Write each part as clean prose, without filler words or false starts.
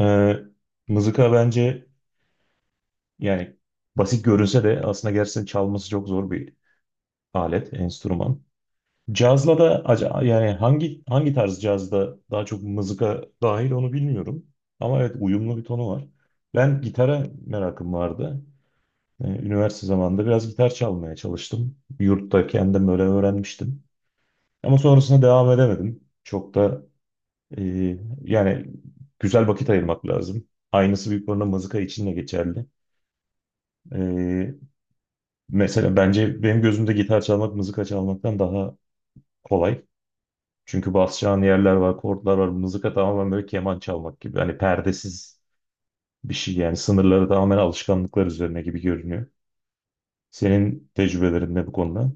Ee, mızıka bence yani basit görünse de aslında gerçekten çalması çok zor bir alet, enstrüman. Cazla da yani hangi tarz cazda daha çok mızıka dahil onu bilmiyorum. Ama evet, uyumlu bir tonu var. Ben gitara merakım vardı. Üniversite zamanında biraz gitar çalmaya çalıştım. Yurtta kendim böyle öğrenmiştim. Ama sonrasında devam edemedim. Çok da e, yani güzel vakit ayırmak lazım. Aynısı büyük oranda mızıka için de geçerli. Ee, mesela bence benim gözümde gitar çalmak mızıka çalmaktan daha kolay. Çünkü basacağın yerler var, kordlar var. Mızıka tamamen böyle keman çalmak gibi. Hani perdesiz bir şey, yani sınırları tamamen alışkanlıklar üzerine gibi görünüyor. Senin tecrübelerin ne bu konuda?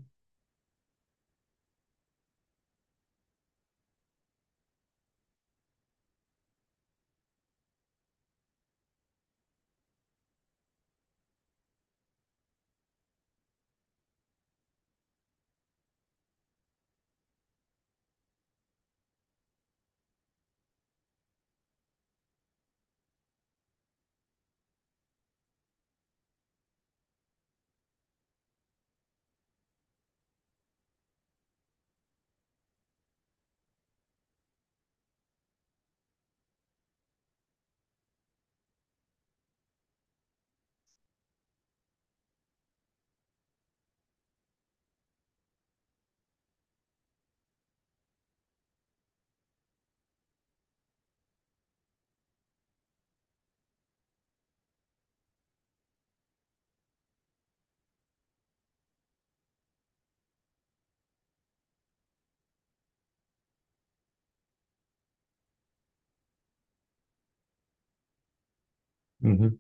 Hı hı.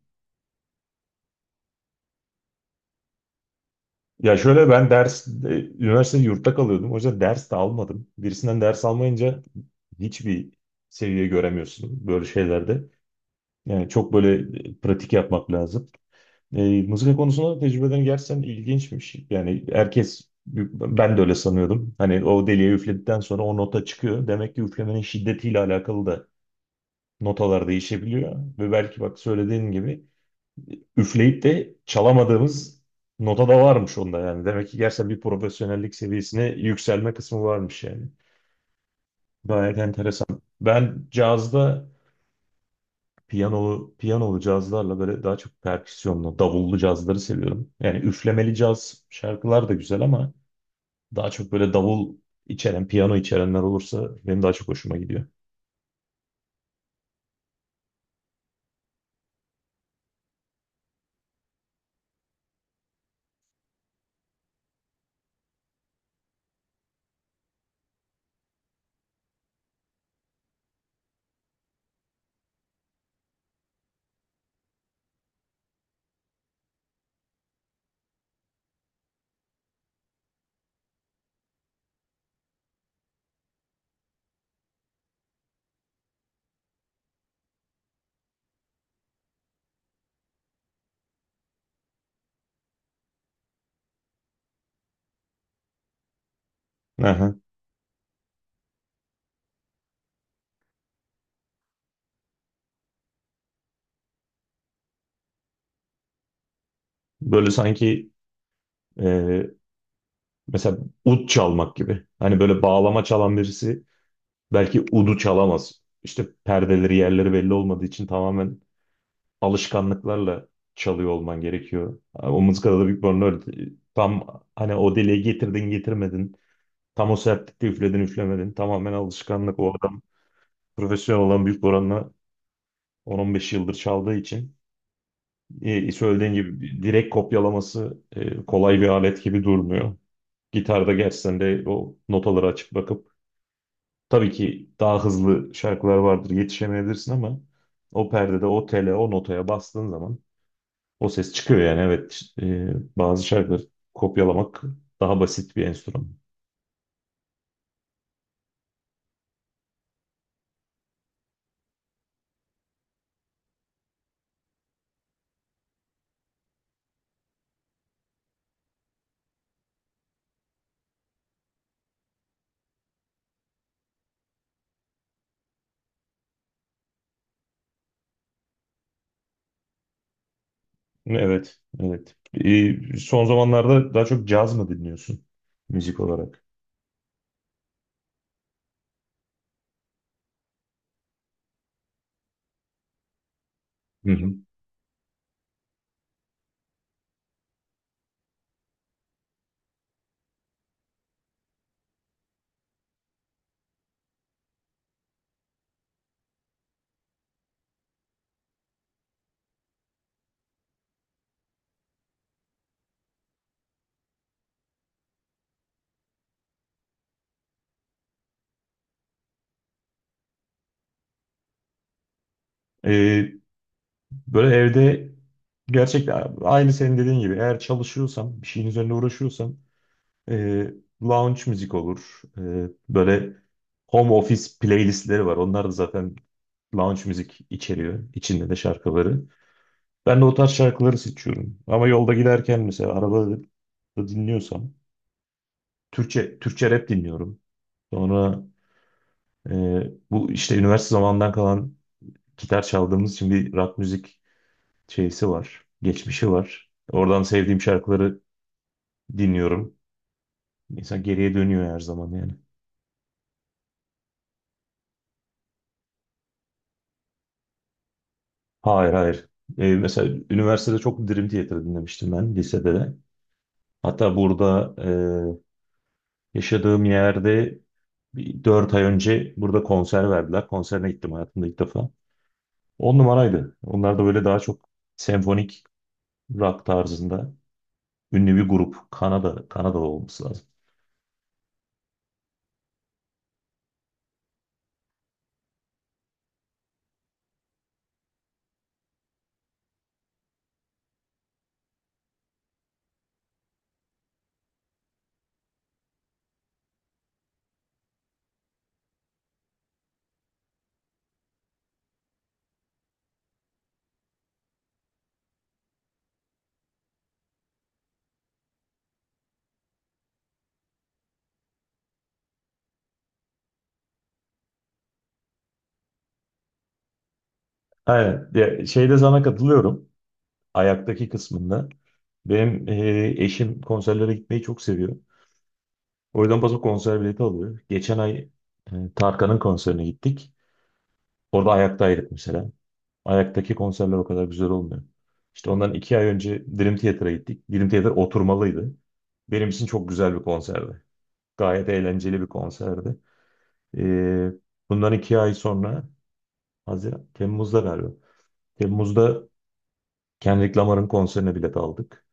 Ya şöyle, ben ders, üniversitede yurtta kalıyordum. O yüzden ders de almadım. Birisinden ders almayınca hiçbir seviye göremiyorsun böyle şeylerde. Yani çok böyle pratik yapmak lazım. E, mızıka konusunda tecrübelerin gerçekten ilginçmiş. Yani herkes, ben de öyle sanıyordum. Hani o deliğe üfledikten sonra o nota çıkıyor. Demek ki üflemenin şiddetiyle alakalı da notalar değişebiliyor. Ve belki bak söylediğin gibi üfleyip de çalamadığımız nota da varmış onda yani. Demek ki gerçekten bir profesyonellik seviyesine yükselme kısmı varmış yani. Gayet enteresan. Ben cazda piyanolu cazlarla böyle daha çok perküsyonlu, davullu cazları seviyorum. Yani üflemeli caz şarkılar da güzel ama daha çok böyle davul içeren, piyano içerenler olursa benim daha çok hoşuma gidiyor. Aha. Böyle sanki e, mesela ud çalmak gibi. Hani böyle bağlama çalan birisi belki udu çalamaz. İşte perdeleri, yerleri belli olmadığı için tamamen alışkanlıklarla çalıyor olman gerekiyor. O mızıkada da büyük bir Bang öyle. Tam hani o deliğe getirdin getirmedin, tam o sertlikte üfledin üflemedin. Tamamen alışkanlık. O adam profesyonel olan büyük oranla 10-15 yıldır çaldığı için söylediğin gibi direkt kopyalaması kolay bir alet gibi durmuyor. Gitarda gerçekten de o notaları açıp bakıp tabii ki daha hızlı şarkılar vardır, yetişemeyebilirsin, ama o perdede o tele o notaya bastığın zaman o ses çıkıyor. Yani evet, işte, bazı şarkıları kopyalamak daha basit bir enstrüman. Evet, evet. Son zamanlarda daha çok caz mı dinliyorsun müzik olarak? Hı hı. Ee, böyle evde gerçekten aynı senin dediğin gibi eğer çalışıyorsam, bir şeyin üzerine uğraşıyorsam e, lounge müzik olur. E, böyle home office playlistleri var. Onlar da zaten lounge müzik içeriyor. İçinde de şarkıları. Ben de o tarz şarkıları seçiyorum. Ama yolda giderken mesela arabada dinliyorsam Türkçe rap dinliyorum. Sonra bu işte üniversite zamanından kalan gitar çaldığımız için bir rock müzik şeysi var. Geçmişi var. Oradan sevdiğim şarkıları dinliyorum. İnsan geriye dönüyor her zaman yani. Hayır, hayır. Mesela üniversitede çok Dream Theater dinlemiştim, ben lisede de. Hatta burada yaşadığım yerde 4 ay önce burada konser verdiler. Konserine gittim hayatımda ilk defa. 10 numaraydı. Onlar da böyle daha çok senfonik rock tarzında ünlü bir grup. Kanada olması lazım. Aynen. Ya, şeyde sana katılıyorum. Ayaktaki kısmında. Benim eşim konserlere gitmeyi çok seviyor. O yüzden paso konser bileti alıyor. Geçen ay Tarkan'ın konserine gittik. Orada ayaktaydık mesela. Ayaktaki konserler o kadar güzel olmuyor. İşte ondan 2 ay önce Dream Theater'a gittik. Dream Theater oturmalıydı. Benim için çok güzel bir konserdi. Gayet eğlenceli bir konserdi. E, bundan 2 ay sonra, Haziran, Temmuz'da galiba. Temmuz'da Kendrick Lamar'ın konserine bilet aldık.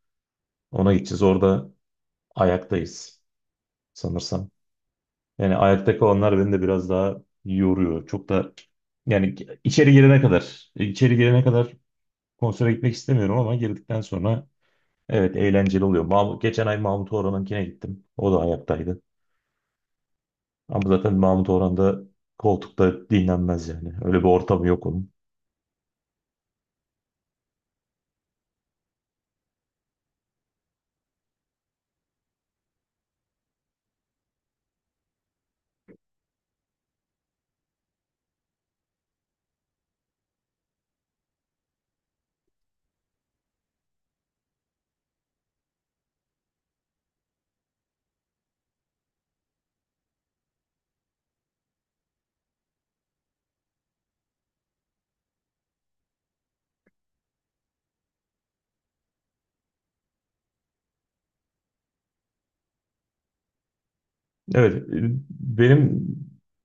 Ona gideceğiz. Orada ayaktayız sanırsam. Yani ayakta kalanlar beni de biraz daha yoruyor. Çok da yani içeri girene kadar konsere gitmek istemiyorum, ama girdikten sonra evet, eğlenceli oluyor. Mahmut, geçen ay Mahmut Orhan'ınkine gittim. O da ayaktaydı. Ama zaten Mahmut Orhan'da koltukta dinlenmez yani. Öyle bir ortamı yok onun. Evet, benim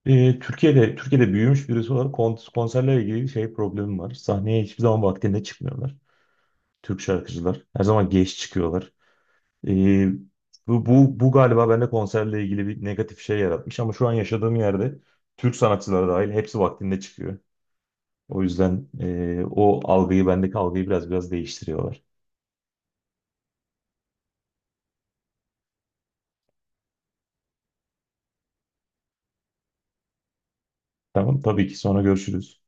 Türkiye'de büyümüş birisi olarak konserlerle ilgili şey problemim var. Sahneye hiçbir zaman vaktinde çıkmıyorlar. Türk şarkıcılar. Her zaman geç çıkıyorlar. Ee, bu galiba bende konserle ilgili bir negatif şey yaratmış, ama şu an yaşadığım yerde Türk sanatçıları dahil hepsi vaktinde çıkıyor. O yüzden o algıyı, bendeki algıyı biraz değiştiriyorlar. Tamam, tabii ki sonra görüşürüz.